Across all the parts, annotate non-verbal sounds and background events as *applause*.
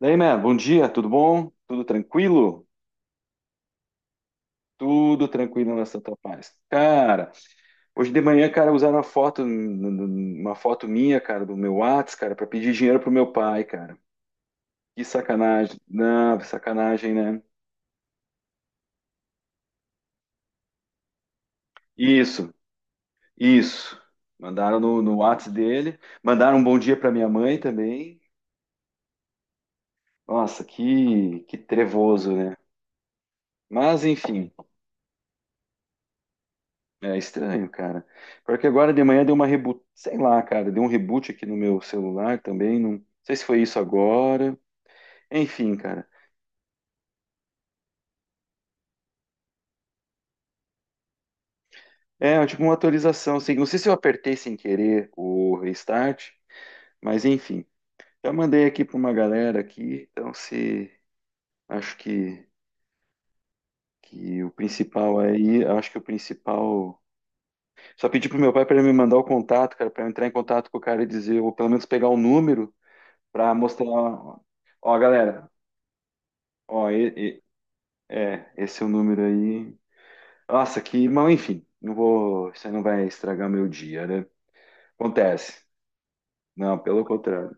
Daí, man, bom dia, tudo bom? Tudo tranquilo? Tudo tranquilo na Santa Paz. Cara, hoje de manhã, cara, usaram uma foto minha, cara, do meu Whats, cara, para pedir dinheiro pro meu pai, cara. Que sacanagem. Não, sacanagem, né? Isso, isso. Mandaram no Whats dele, mandaram um bom dia pra minha mãe também. Nossa, que trevoso, né? Mas, enfim, é estranho, cara. Porque agora de manhã deu uma reboot, sei lá, cara, deu um reboot aqui no meu celular também, não sei se foi isso agora. Enfim, cara. É, tipo uma atualização, assim, não sei se eu apertei sem querer o restart, mas enfim. Já mandei aqui para uma galera aqui, então se acho que o principal aí, acho que o principal, só pedi pro meu pai para ele me mandar o contato, cara, para eu entrar em contato com o cara e dizer, ou pelo menos pegar o número para mostrar, ó, galera, ó. É, esse é o número aí. Nossa, que mal, enfim, não vou, isso aí não vai estragar meu dia, né? Acontece. Não, pelo contrário.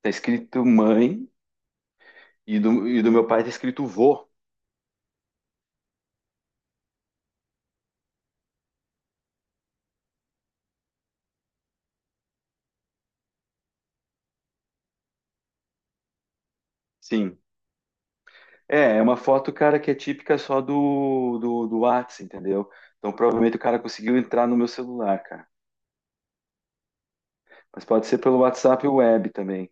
Tá escrito mãe e do meu pai tá escrito vô. Sim. É, é uma foto, cara, que é típica só do Whats, entendeu? Então provavelmente o cara conseguiu entrar no meu celular, cara. Mas pode ser pelo WhatsApp web também.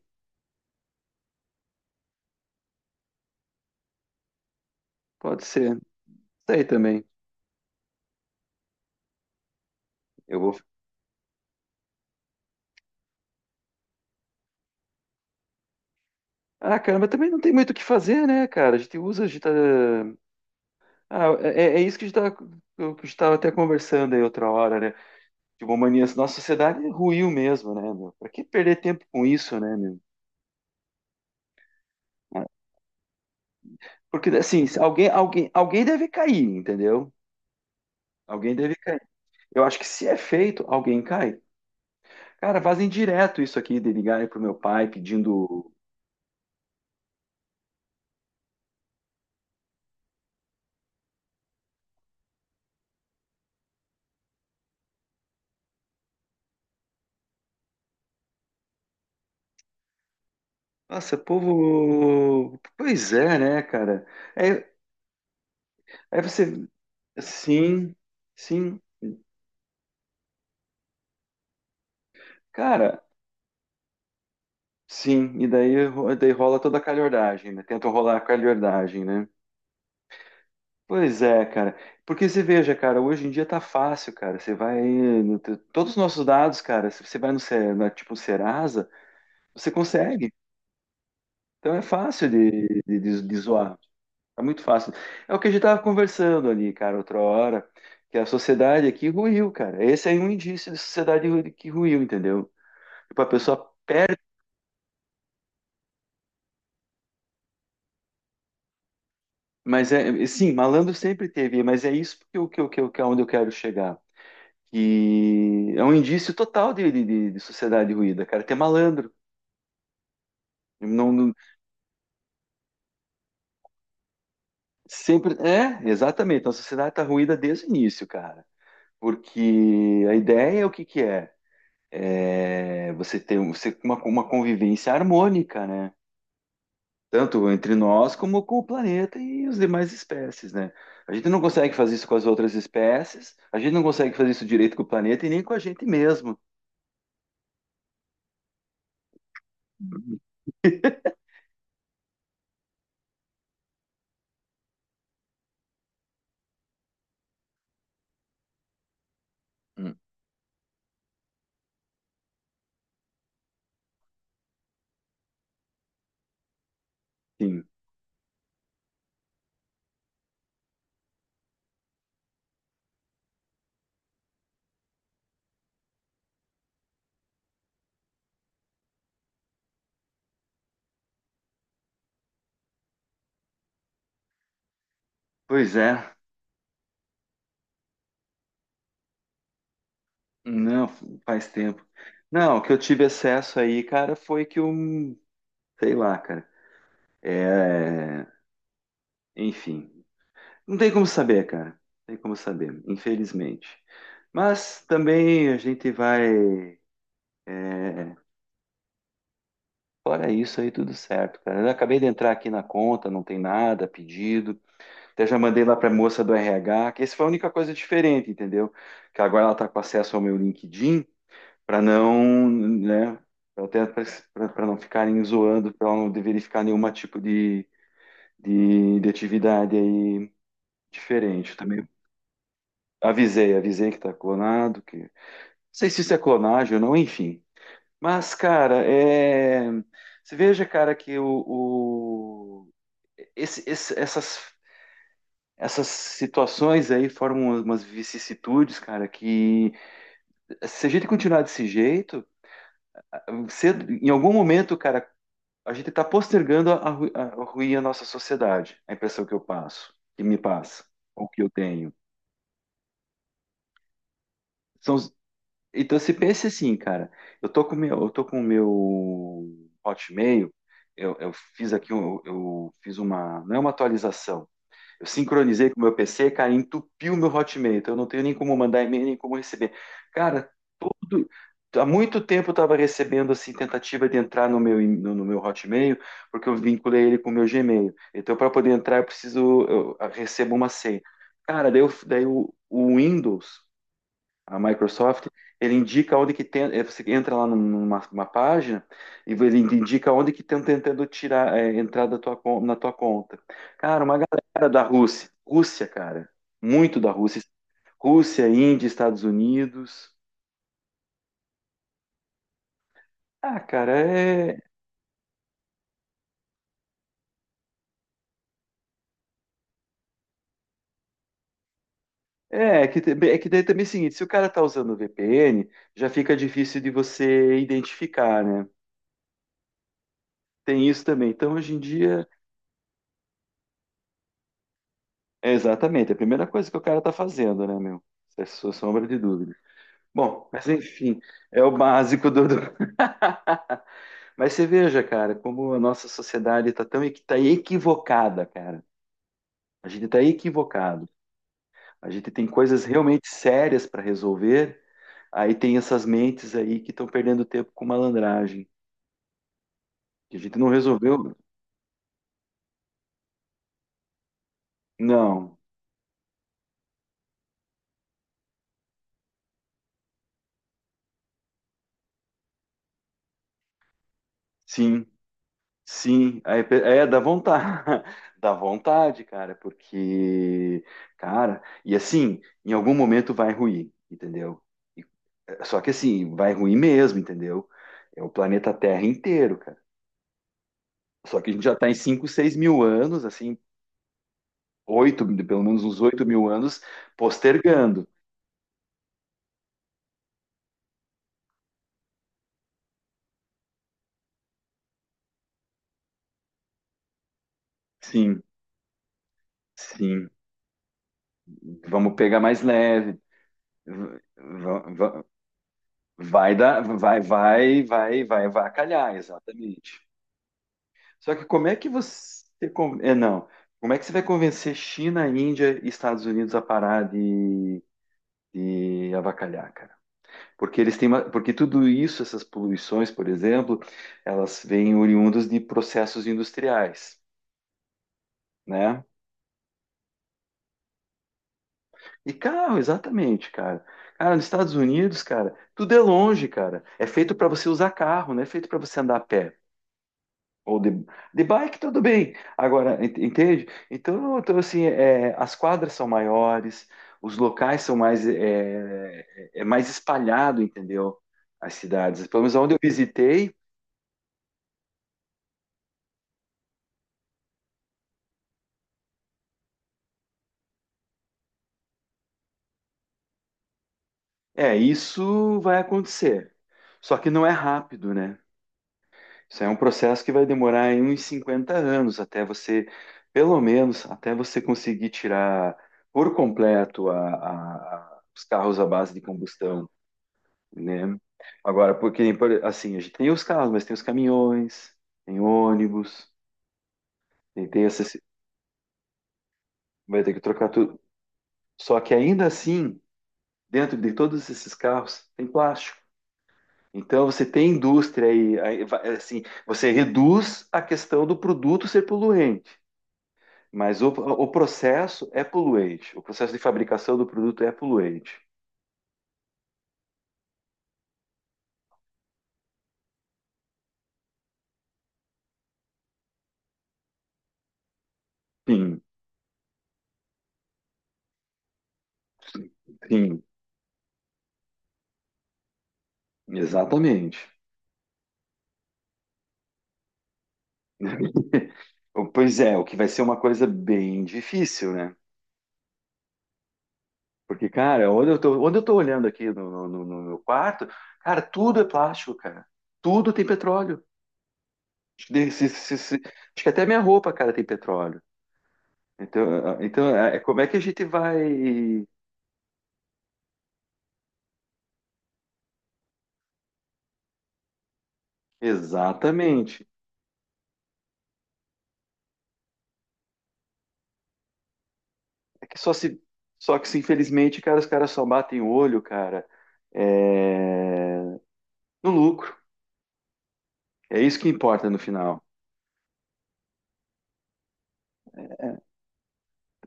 Pode ser. Isso aí também. Eu vou. Ah, cara, mas também não tem muito o que fazer, né, cara? A gente usa, a gente tá. Ah, é, é isso que a gente tava- que eu estava até conversando aí outra hora, né? Tipo, mania, nossa sociedade ruiu mesmo, né, meu? Pra que perder tempo com isso, né, meu? Ah, porque, assim, se alguém deve cair, entendeu? Alguém deve cair. Eu acho que se é feito, alguém cai. Cara, fazem direto isso aqui de ligarem pro meu pai pedindo. Nossa, povo. Pois é, né, cara? É, aí você. Sim, sim. Cara, sim, e daí rola toda a calhordagem, né? Tentam rolar a calhordagem, né? Pois é, cara. Porque você veja, cara, hoje em dia tá fácil, cara. Você vai. No te- Todos os nossos dados, cara, se você vai no, na, tipo Serasa, você consegue. Então é fácil de zoar. Tá muito fácil. É o que a gente tava conversando ali, cara, outra hora, que a sociedade aqui ruiu, cara. Esse aí é um indício de sociedade ru- que ruiu, entendeu? Tipo, a pessoa mas é, sim, malandro sempre teve, mas é isso que é onde eu quero chegar. Que é um indício total de sociedade ruída, cara. Ter malandro. Não, sempre. É, exatamente. Então, a sociedade tá ruída desde o início, cara. Porque a ideia é o que, que é? É você ter um- você, uma convivência harmônica, né? Tanto entre nós como com o planeta e os demais espécies, né? A gente não consegue fazer isso com as outras espécies, a gente não consegue fazer isso direito com o planeta e nem com a gente mesmo. Hum, Sim. Pois é. Não, faz tempo. Não, o que eu tive acesso aí, cara, foi que um, sei lá, cara. É, enfim. Não tem como saber, cara. Não tem como saber, infelizmente. Mas também a gente vai. É, fora isso aí, tudo certo, cara. Eu acabei de entrar aqui na conta, não tem nada pedido. Até já mandei lá pra moça do RH, que essa foi a única coisa diferente, entendeu? Que agora ela tá com acesso ao meu LinkedIn. Para não, né, pra até para não ficarem zoando, para não verificar nenhum tipo de, de atividade aí diferente também. Avisei, avisei que tá clonado, que não sei se isso é clonagem ou não, enfim. Mas, cara, é... você veja, cara, que o, esse- esse- essas Essas situações aí formam umas vicissitudes, cara, que se a gente continuar desse jeito, cedo- em algum momento, cara, a gente está postergando a ruir a nossa sociedade, a impressão que eu passo, que me passa, ou que eu tenho. São os- então, se pensa assim, cara, eu tô com o meu, eu tô com o meu Hotmail, eu fiz aqui, um- eu, fiz uma, não é uma atualização, eu sincronizei com o meu PC, cara, entupiu meu Hotmail. Então eu não tenho nem como mandar e-mail, nem como receber. Cara, tudo. Há muito tempo eu estava recebendo assim tentativa de entrar no meu Hotmail, porque eu vinculei ele com o meu Gmail. Então para poder entrar eu preciso eu recebo uma senha. Cara, daí, eu, daí o Windows, a Microsoft, ele indica onde que tem, eh, você entra lá numa, numa página e ele indica onde que estão tentando tirar, eh, entrar da tua, na tua conta. Cara, uma galera da Rússia, Rússia, cara, muito da Rússia, Rússia, Índia, Estados Unidos. Ah, cara, é, é, é que, tem- é que daí também é o seguinte, se o cara tá usando o VPN, já fica difícil de você identificar, né? Tem isso também. Então, hoje em dia, é exatamente, é a primeira coisa que o cara tá fazendo, né, meu? Sem sombra de dúvida. Bom, mas enfim, é o básico do. *laughs* Mas você veja, cara, como a nossa sociedade está tão equi- tá equivocada, cara. A gente está equivocado. A gente tem coisas realmente sérias para resolver. Aí tem essas mentes aí que estão perdendo tempo com malandragem. Que a gente não resolveu. Não. Sim, sim. Aí pe- é, dá vontade. *laughs* Dá vontade, cara, porque, cara, e assim, em algum momento vai ruir, entendeu? E só que assim, vai ruim mesmo, entendeu? É o planeta Terra inteiro, cara. Só que a gente já está em 5, 6 mil anos, assim, oito, pelo menos uns 8 mil anos, postergando. Sim, sim. Vamos pegar mais leve. V- v- v- Vai dar, vai, vai, vai, vai, vai, calhar, exatamente. Só que como é que você. É, não. Como é que você vai convencer China, Índia e Estados Unidos a parar de avacalhar, cara? Porque eles têm uma, porque tudo isso, essas poluições, por exemplo, elas vêm oriundas de processos industriais, né? E carro, exatamente, cara. Cara, nos Estados Unidos, cara, tudo é longe, cara. É feito para você usar carro, não é feito para você andar a pé. Ou de bike, tudo bem. Agora, ent- entende? Então, então assim, é, as quadras são maiores, os locais são mais, é, é é mais espalhado, entendeu? As cidades. Pelo menos onde eu visitei, é, isso vai acontecer. Só que não é rápido, né? Isso aí é um processo que vai demorar aí uns 50 anos até você, pelo menos, até você conseguir tirar por completo os carros à base de combustão, né? Agora, porque, por- assim, a gente tem os carros, mas tem os caminhões, tem ônibus, tem, tem esses- vai ter que trocar tudo. Só que ainda assim, dentro de todos esses carros, tem plástico. Então você tem indústria aí, aí va- assim, você reduz a questão do produto ser poluente, mas o processo é poluente, o processo de fabricação do produto é poluente. Sim, sim, exatamente. *laughs* Pois é, o que vai ser uma coisa bem difícil, né? Porque, cara, onde eu tô olhando aqui no, no- no- no meu quarto, cara, tudo é plástico, cara. Tudo tem petróleo. Acho que até minha roupa, cara, tem petróleo. Então, eh, então é é como é que a gente vai. Exatamente. É que só se. Só que se infelizmente, cara, os caras só batem o olho, cara, eh, no lucro. É isso que importa no final.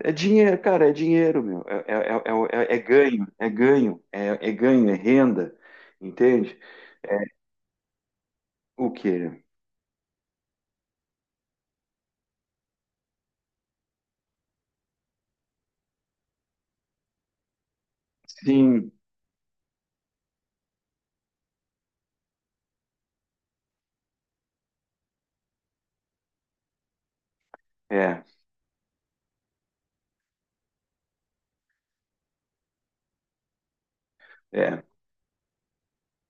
É dinheiro, cara, é dinheiro, meu. É, é- é- é é- é ganho, é ganho, é renda. Entende? O quê? Sim, é, é.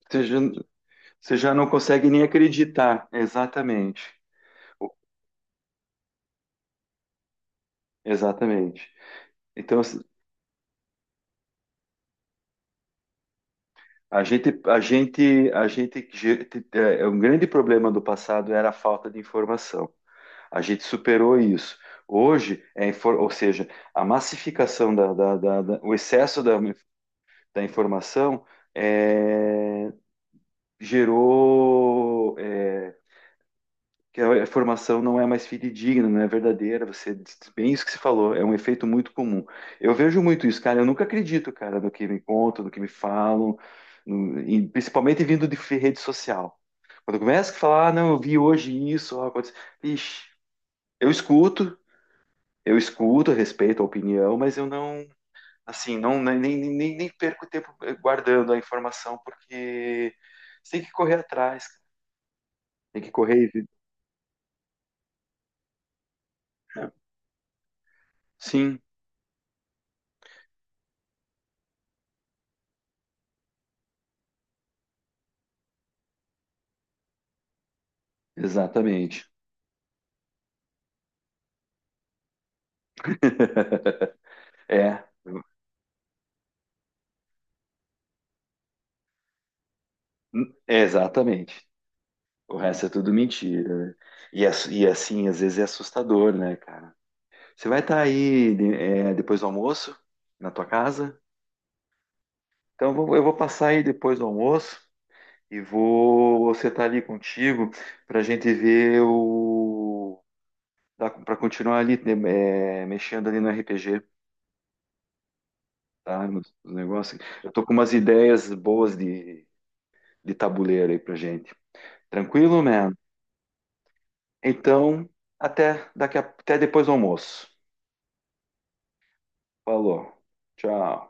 Você já, você já não consegue nem acreditar. Exatamente. O- exatamente. Então, É, um grande problema do passado era a falta de informação. A gente superou isso. Hoje, é, infor- ou seja, a massificação o excesso da, da, informação é, gerou é, que a formação não é mais fidedigna, não é verdadeira. Você disse bem isso que você falou, é um efeito muito comum. Eu vejo muito isso, cara. Eu nunca acredito, cara, no que me contam, no que me falam, e principalmente vindo de rede social. Quando começa a falar, ah, não, eu vi hoje isso, ó, aconteceu. Ixi, eu escuto, eu escuto, respeito a opinião, mas eu não, assim, não nem perco tempo guardando a informação, porque você tem que correr atrás, cara. Tem que correr. Sim, exatamente. *laughs* É, hum, exatamente. O resto é tudo mentira. Né? E, ass- e é assim, às vezes é assustador, né, cara? Você vai estar aí de- é, depois do almoço, na tua casa? Então eu vou passar aí depois do almoço e vou sentar ali contigo para a gente ver o. Para continuar ali né, é, mexendo ali no RPG, tá? Nos, nos negócios. Eu tô com umas ideias boas de tabuleiro aí pra gente. Tranquilo, man? Então, até daqui a- até depois do almoço. Falou. Tchau.